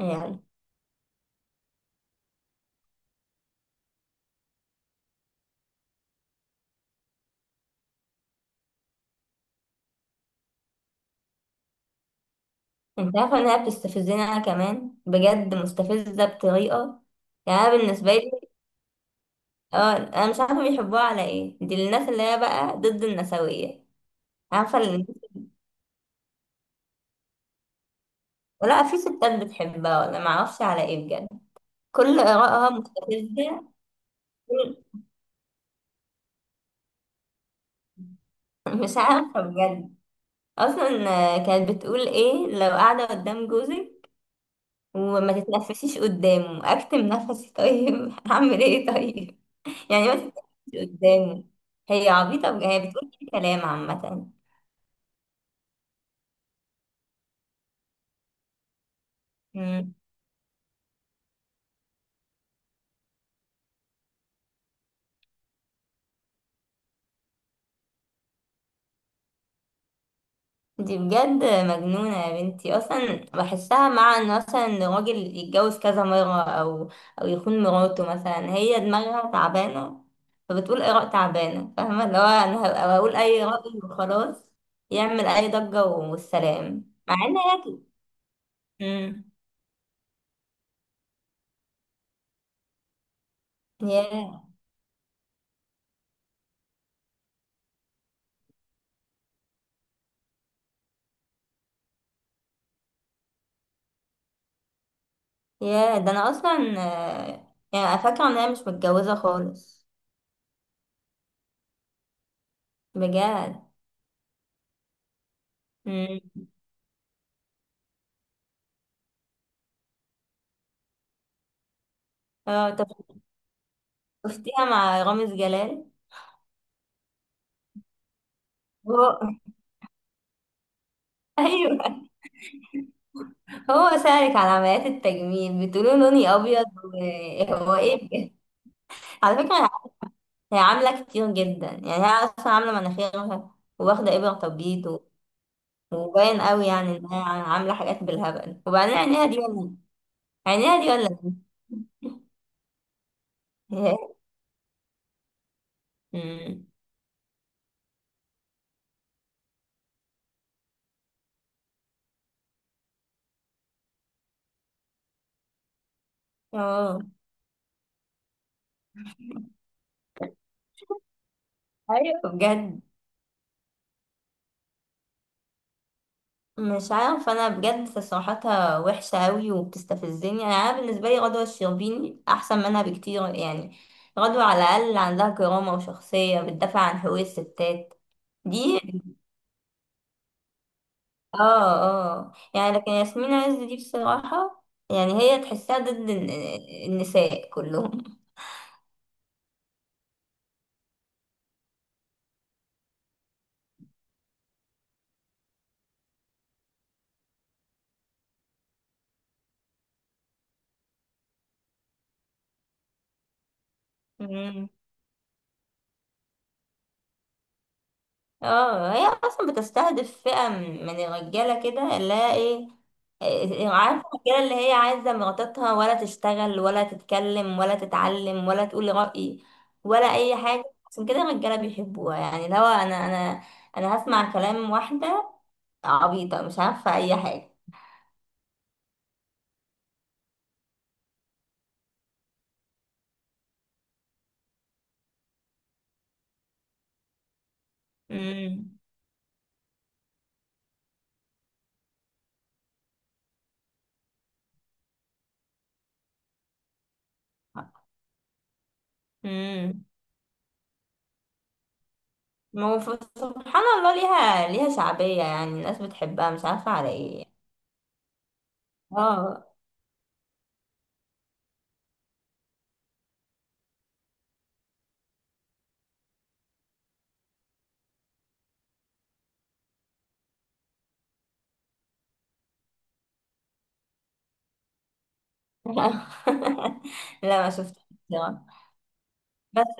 يعني انت عارفة انها بتستفزني، انا كمان بجد مستفزة بطريقة. انا بالنسبة لي، اه انا مش عارفة بيحبوها على ايه. دي الناس اللي هي بقى ضد النسوية. عارفة اللي، ولا في ستات بتحبها ولا معرفش على ايه بجد. كل آرائها مستفزة. كل- مش عارفة بجد. اصلا كانت بتقول ايه لو قاعدة قدام جوزك وما تتنفسيش قدامه. اكتم نفسي طيب؟ اعمل ايه طيب؟ ما تتنفسيش قدامه. هي عبيطة، هي بتقول كده كلام عامة. مم. دي بجد مجنونة يا بنتي. أصلا بحسها مع إن مثلا راجل يتجوز كذا مرة أو أو يخون مراته، مثلا هي دماغها تعبانة، فبتقول آراء تعبانة. فاهمة اللي هو أنا هبقى بقول أي رأي وخلاص، يعمل أي ضجة والسلام، مع إن هي. مم. ياه. يا ده انا اصلا آه، فاكره ان انا مش متجوزه خالص؟ بجد. امم. اه طب شفتيها مع رامز جلال؟ هو ايوه. هو سألك على عمليات التجميل، بتقولوا لوني ابيض؟ هو ايه بجد؟ على فكره هي عامله كتير جدا. هي اصلا عامله مناخيرها، واخده ابره تبييض وباين قوي يعني انها عامله حاجات بالهبل. وبعدين عينيها دي ولا إيه؟ عينيها دي ولا إيه؟ أمم. اه ايوه بجد. مش عارفة، أنا بجد تصريحاتها وحشة أوي وبتستفزني. أنا بالنسبة لي غدوة الشربيني أحسن منها بكتير. يعني غدوة على الأقل عندها كرامة وشخصية بتدافع عن حقوق الستات. دي اه اه. يعني لكن ياسمين عز دي بصراحة، يعني هي تحسها ضد النساء كلهم. اه هي اصلا بتستهدف فئة من الرجالة كده اللي هي ايه. إيه، عارفة الرجالة اللي هي عايزة مراتها ولا تشتغل ولا تتكلم ولا تتعلم ولا تقول رأي ولا أي حاجة. عشان كده الرجالة بيحبوها. يعني لو أنا أنا هسمع كلام واحدة عبيطة مش عارفة أي حاجة؟ امم امم. ما هو سبحان الله ليها ليها شعبية. يعني الناس بتحبها مش عارفة على ايه. اه لا ما شفتش. بس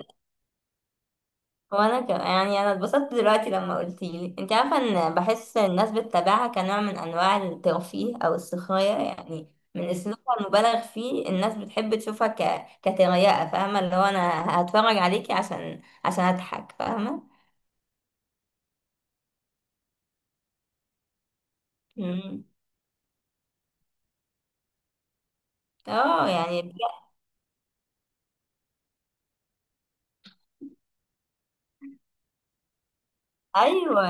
يعني انا اتبسطت دلوقتي لما قلتي لي. انت عارفه ان بحس الناس بتتابعها كنوع من انواع الترفيه او السخريه، يعني من اسلوبها المبالغ فيه الناس بتحب تشوفها كتريقه. فاهمه اللي هو انا هتفرج عليكي عشان اضحك. فاهمه. مم. اه يعني ايوه.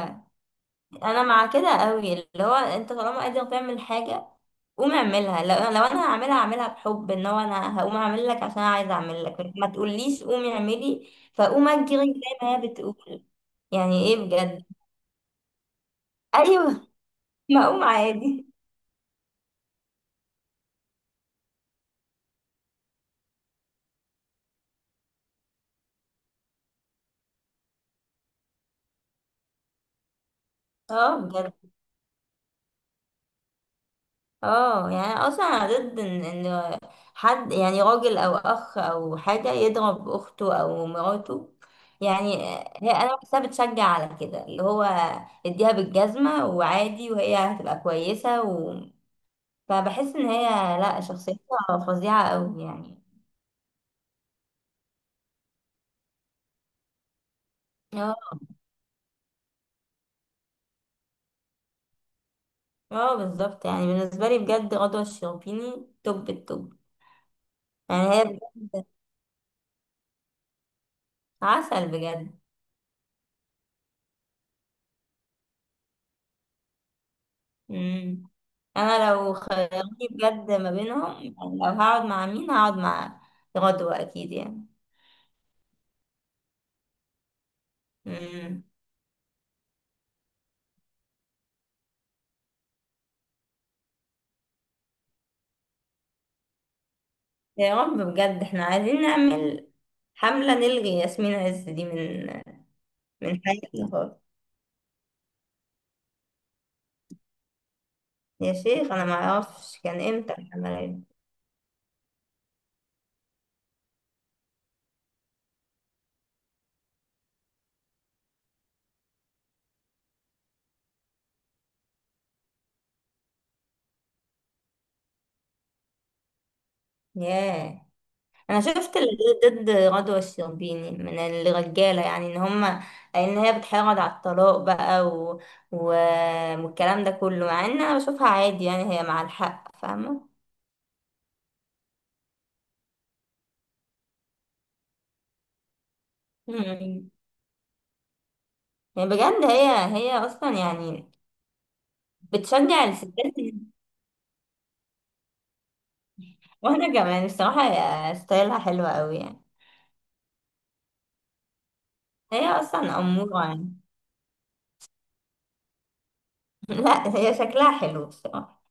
انا مع كده قوي، اللي هو انت طالما قادر تعمل حاجه قوم اعملها. لو انا هعملها هعملها بحب. ان هو انا هقوم اعمل لك عشان أنا عايزه اعمل لك، ما تقوليش قومي اعملي فاقوم اجري زي ما هي بتقول. يعني ايه بجد؟ ايوه ما اقوم عادي. اه بجد. اه يعني أنا اصلا انا ضد ان حد، يعني راجل او اخ او حاجه، يضرب اخته او مراته. يعني هي انا بحسها بتشجع على كده، اللي هو اديها بالجزمه وعادي وهي هتبقى كويسه و... فبحس ان هي لا، شخصيتها فظيعه قوي يعني. اه اه بالظبط. يعني بالنسبه لي بجد غدوه الشربيني توب التوب. يعني هي بجد عسل بجد. مم. انا لو خيروني بجد ما بينهم، يعني لو هقعد مع مين هقعد مع غدوة اكيد يعني. مم. يا رب. بجد احنا عايزين نعمل حملة نلغي ياسمين عز دي من من حياتنا خالص. يا شيخ انا ما اعرفش كان امتى الحملة دي. ياه. انا شفت اللي ضد غدوة الشربيني من الرجالة، يعني ان هما ان هي بتحرض على الطلاق بقى و... و... والكلام ده كله. مع ان انا بشوفها عادي، يعني هي مع الحق فاهمة. مم. يعني بجد هي هي اصلا يعني بتشجع الستات. وانا كمان الصراحه هي ستايلها حلوه قوي. يعني هي اصلا اموره يعني. لا هي شكلها حلو الصراحه.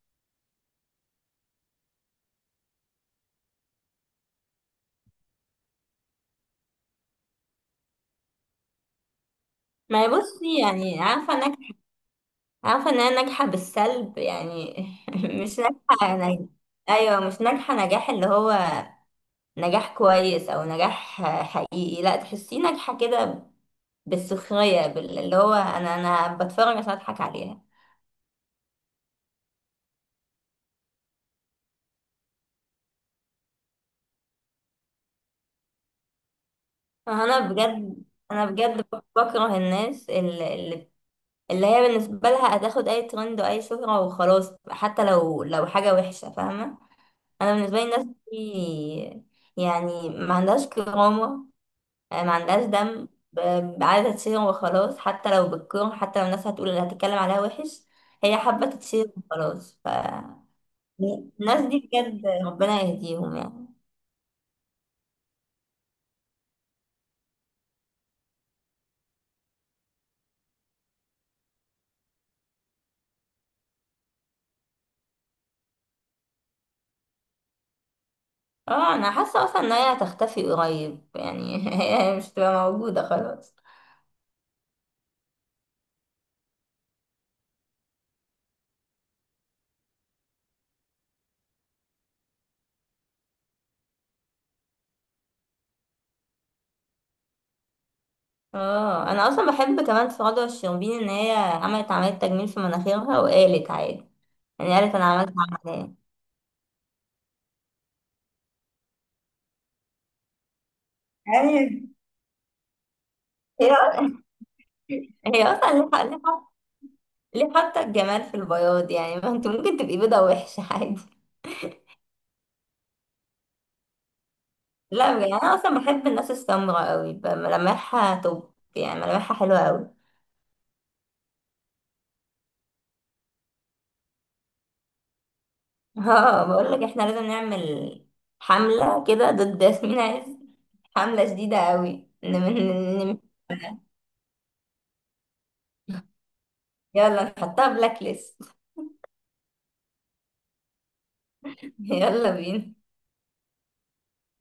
ما هي بصي، يعني عارفه انك عارفه انها ناجحه بالسلب. يعني مش ناجحه يعني. ايوه مش ناجحه نجاح اللي هو نجاح كويس او نجاح حقيقي. لا تحسيه ناجحه كده بالسخريه، اللي هو انا بتفرج عشان اضحك عليها. انا بجد انا بجد بكره الناس اللي هي بالنسبه لها هتاخد اي ترند واي شهره وخلاص، حتى لو حاجه وحشه فاهمه. انا بالنسبه لي الناس دي يعني ما عندهاش كرامه. آه، ما عندهاش دم، عايزه تشير وخلاص، حتى لو بالكره، حتى لو الناس هتقول اللي هتتكلم عليها وحش، هي حابه تتشير وخلاص. ف الناس دي بجد ربنا يهديهم يعني. اه انا حاسه اصلا ان هي هتختفي قريب يعني. هي مش هتبقى موجوده خلاص. اه انا اصلا بحب كمان في رضوى الشربيني ان هي عملت عمليه تجميل في مناخيرها وقالت عادي. يعني قالت انا عملت عمليه. ايوه. هي هي اصلا ليه ليه حاطه الجمال في البياض؟ يعني ما انت ممكن تبقي بيضه وحشه عادي. لا يعني انا اصلا بحب الناس السمراء قوي بقى. ملامحها توب يعني، ملامحها حلوه قوي. اه بقول لك احنا لازم نعمل حمله كده ضد ياسمين عز. عاملة شديدة قوي. نم- يلا نحطها بلاك ليست. يلا بينا.